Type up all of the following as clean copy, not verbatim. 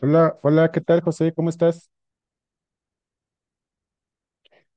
Hola, hola, ¿qué tal, José? ¿Cómo estás?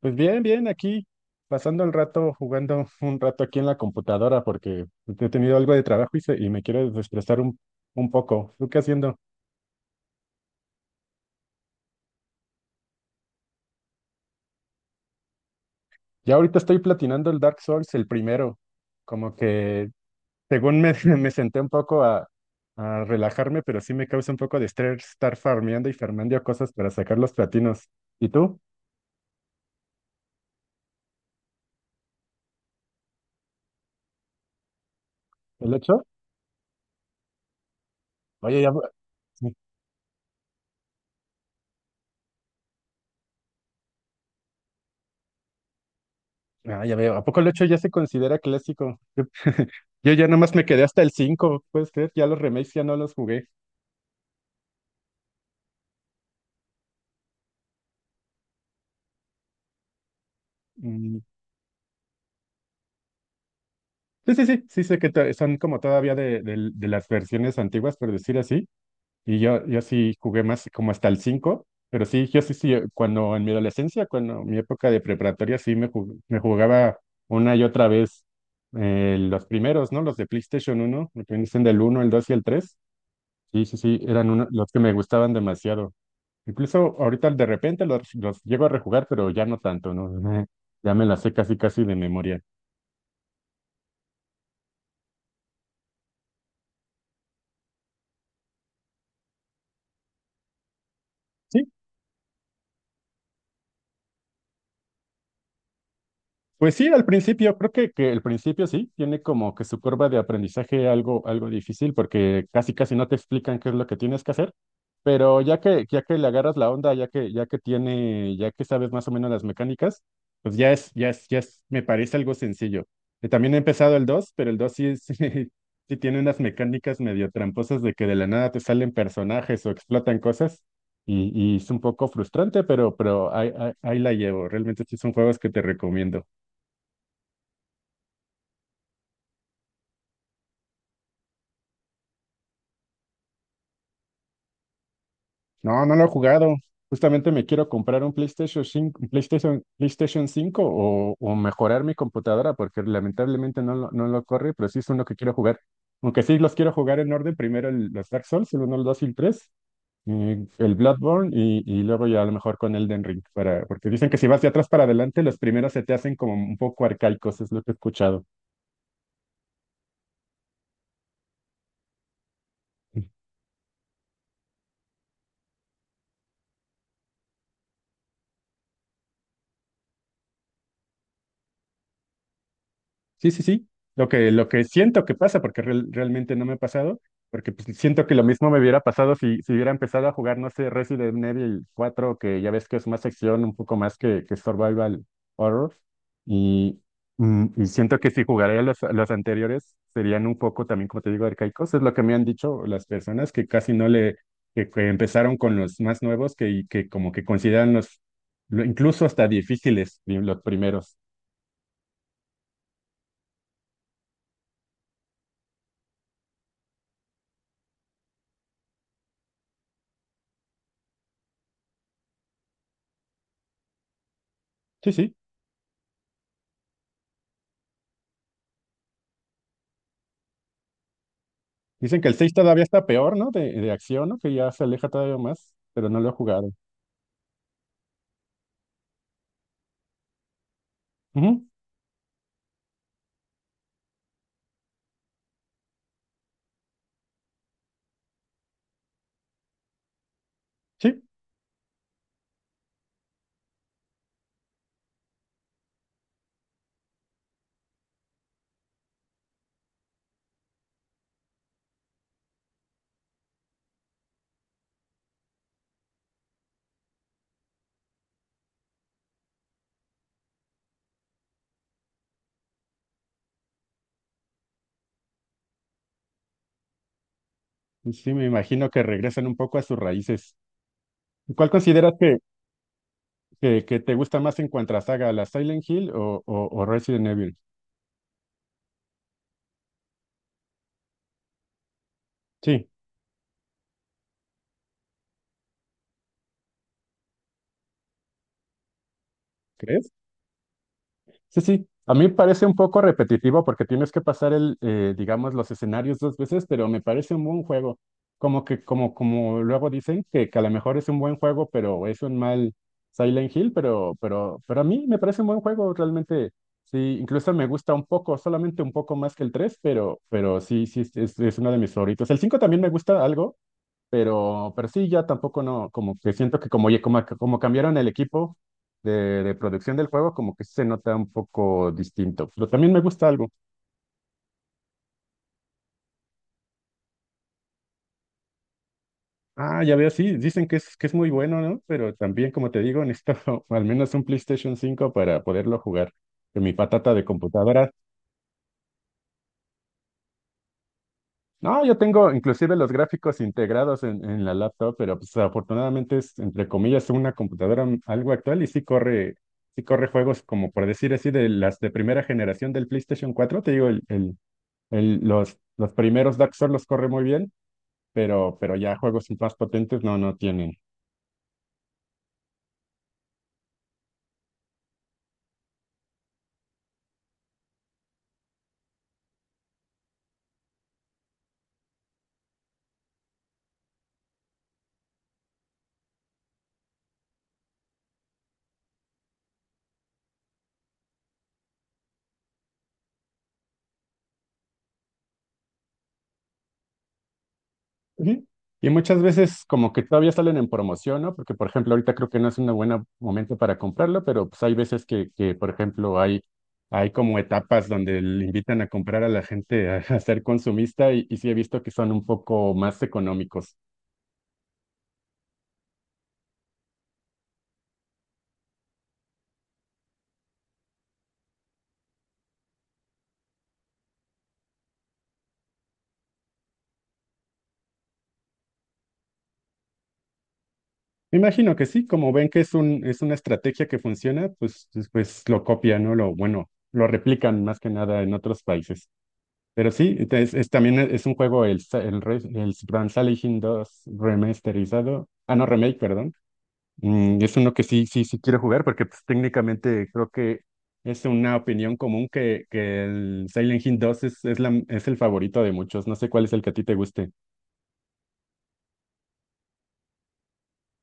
Pues bien, bien, aquí pasando el rato, jugando un rato aquí en la computadora porque he tenido algo de trabajo y, y me quiero desestresar un poco. ¿Tú qué haciendo? Ya ahorita estoy platinando el Dark Souls, el primero. Como que, me senté un poco a relajarme, pero sí me causa un poco de estrés estar farmeando y farmeando cosas para sacar los platinos. ¿Y tú? ¿El hecho? Oye, ya, sí. Ah, ya veo. ¿A poco el hecho ya se considera clásico? Yo ya nomás me quedé hasta el cinco, puedes creer, ya los remakes ya no los jugué. Mm, sí, sí, sí, sí son como todavía de las versiones antiguas, por decir así, y yo sí jugué más como hasta el cinco, pero sí, yo sí, sí, cuando en mi adolescencia, cuando en mi época de preparatoria, me jugaba una y otra vez los primeros, ¿no? Los de PlayStation uno, lo que dicen, del uno, el 2 y el tres, sí, sí, sí, los que me gustaban demasiado. Incluso ahorita de repente los llego a rejugar, pero ya no tanto, ¿no? Ya me las sé casi casi de memoria. Sí, pues sí, al principio, creo que el principio sí, tiene como que su curva de aprendizaje algo difícil porque casi casi no te explican qué es lo que tienes que hacer, pero ya que le agarras la onda, ya que sabes más o menos las mecánicas, pues ya es, me parece algo sencillo. También he empezado el 2, pero el 2 sí, sí tiene unas mecánicas medio tramposas de que de la nada te salen personajes o explotan cosas. Y es un poco frustrante, pero ahí la llevo. Realmente sí son juegos que te recomiendo. No, no lo he jugado. Justamente me quiero comprar un PlayStation 5, PlayStation 5 o mejorar mi computadora porque lamentablemente no lo corre, pero sí es uno que quiero jugar. Aunque sí los quiero jugar en orden, primero los Dark Souls, el uno, el 2 y el 3 y el Bloodborne y luego ya a lo mejor con Elden Ring, para, porque dicen que si vas de atrás para adelante, los primeros se te hacen como un poco arcaicos, es lo que he escuchado. Sí, sí, sí. Lo que siento que pasa, porque realmente no me ha pasado, porque pues, siento que lo mismo me hubiera pasado si hubiera empezado a jugar, no sé, Resident Evil cuatro, que ya ves que es más acción, un poco más que survival horror. Y, y siento que si jugaría los anteriores, serían un poco también, como te digo, arcaicos. Es lo que me han dicho las personas que casi no le, que empezaron con los más nuevos, que, y que como que consideran incluso hasta difíciles, los primeros. Sí, sí. Dicen que el 6 todavía está peor, ¿no? De acción, ¿no? Que ya se aleja todavía más, pero no lo he jugado. Ujú, sí, sí, me imagino que regresan un poco a sus raíces. ¿Cuál consideras que te gusta más en cuanto a saga, la Silent Hill o o Resident Evil? Sí, ¿crees? Sí, sí. A mí me parece un poco repetitivo porque tienes que pasar digamos, los escenarios dos veces, pero me parece un buen juego. Como luego dicen que a lo mejor es un buen juego, pero es un mal Silent Hill, pero a mí me parece un buen juego, realmente. Sí, incluso me gusta un poco, solamente un poco más que el 3, pero sí, sí, es uno de mis favoritos. El 5 también me gusta algo, pero sí, ya tampoco no, como que siento que como cambiaron el equipo de, de producción del juego, como que se nota un poco distinto. Pero también me gusta algo. Ah, ya veo, sí, dicen que es muy bueno, ¿no? Pero también, como te digo, necesito al menos un PlayStation 5 para poderlo jugar. Que mi patata de computadora. No, yo tengo inclusive los gráficos integrados en la laptop, pero pues afortunadamente es, entre comillas, una computadora algo actual y sí corre juegos, como por decir así, de las de primera generación del PlayStation cuatro, te digo, los primeros Dark Souls los corre muy bien, pero ya juegos más potentes no tienen. Ujú. Y muchas veces como que todavía salen en promoción, ¿no? Porque, por ejemplo, ahorita creo que no es un buen momento para comprarlo, pero pues hay veces que, por ejemplo, hay como etapas donde le invitan a comprar a la gente a ser consumista y sí he visto que son un poco más económicos. Me imagino que sí, como ven que es es una estrategia que funciona, pues, pues lo copian, ¿no? Lo, bueno, lo replican más que nada en otros países. Pero sí, también es un juego, el, sa- el, re- el Brand Salvation 2 remasterizado, ah, no, remake, perdón. Mm, es uno que sí, sí, sí quiero jugar porque pues, técnicamente creo que es una opinión común que el Silent Hill 2 es el favorito de muchos. No sé cuál es el que a ti te guste.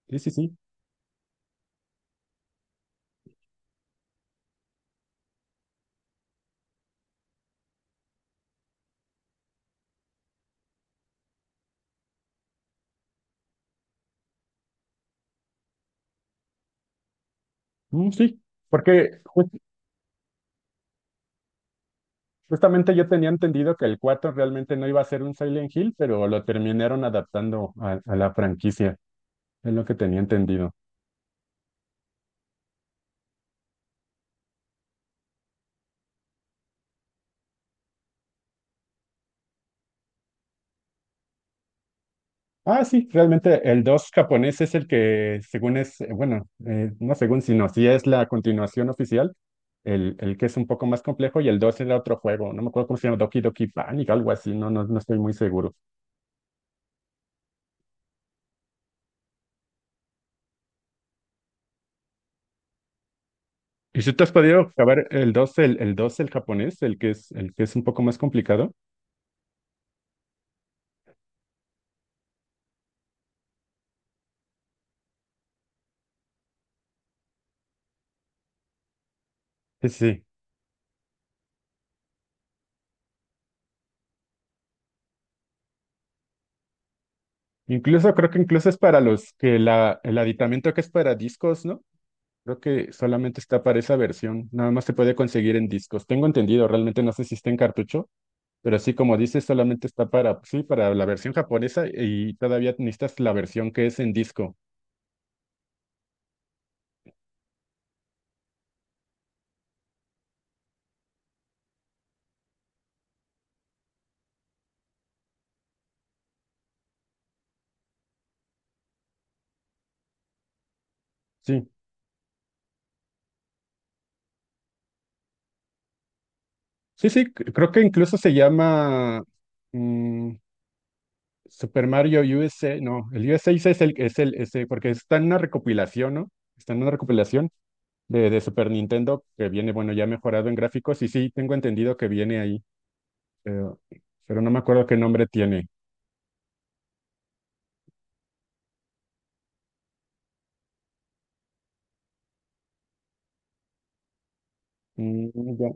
Sí, sí, sí. Mm, sí, porque justamente yo tenía entendido que el 4 realmente no iba a ser un Silent Hill, pero lo terminaron adaptando a la franquicia. Es lo que tenía entendido. Ah, sí, realmente el 2 japonés es el que, según es, bueno, no según, sino sí es la continuación oficial, el que es un poco más complejo, y el 2 era otro juego, no me acuerdo cómo se llama, Doki Doki Panic, algo así, no, no, no estoy muy seguro. ¿Y si te has podido acabar el dos, el japonés, el que es un poco más complicado? Sí, sí, sí. Incluso creo que incluso es para los que la, el aditamento que es para discos, ¿no? Creo que solamente está para esa versión, nada más se puede conseguir en discos. Tengo entendido, realmente no sé si está en cartucho. Pero sí, como dices, solamente está para, sí, para la versión japonesa y todavía necesitas la versión que es en disco. Sí, sí, sí, creo que incluso se llama, mm, Super Mario U USA. No, el U S USA es es el, ese, porque está en una recopilación, ¿no? Está en una recopilación de Super Nintendo, que viene, bueno, ya mejorado en gráficos y sí, tengo entendido que viene ahí, pero, pero no me acuerdo qué nombre tiene. Mm, ya.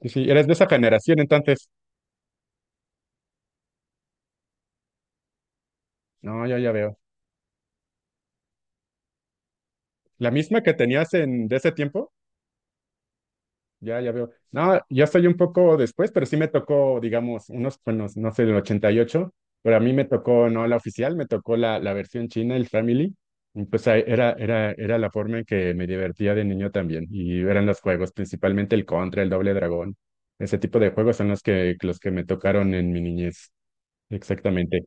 Sí, sí, eres de esa generación entonces. No, ya, ya veo. La misma que tenías en, de ese tiempo, ya, ya veo. No, yo soy un poco después, pero sí me tocó, digamos, unos, bueno, no sé, del 88, pero a mí me tocó no la oficial, me tocó la versión china, el Family. Y pues ahí era, era la forma en que me divertía de niño también. Y eran los juegos, principalmente el Contra, el Doble Dragón. Ese tipo de juegos son los que me tocaron en mi niñez. Exactamente.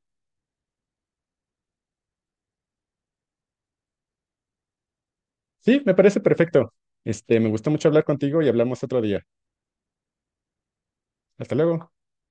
Sí, me parece perfecto. Este, me gustó mucho hablar contigo y hablamos otro día. Hasta luego.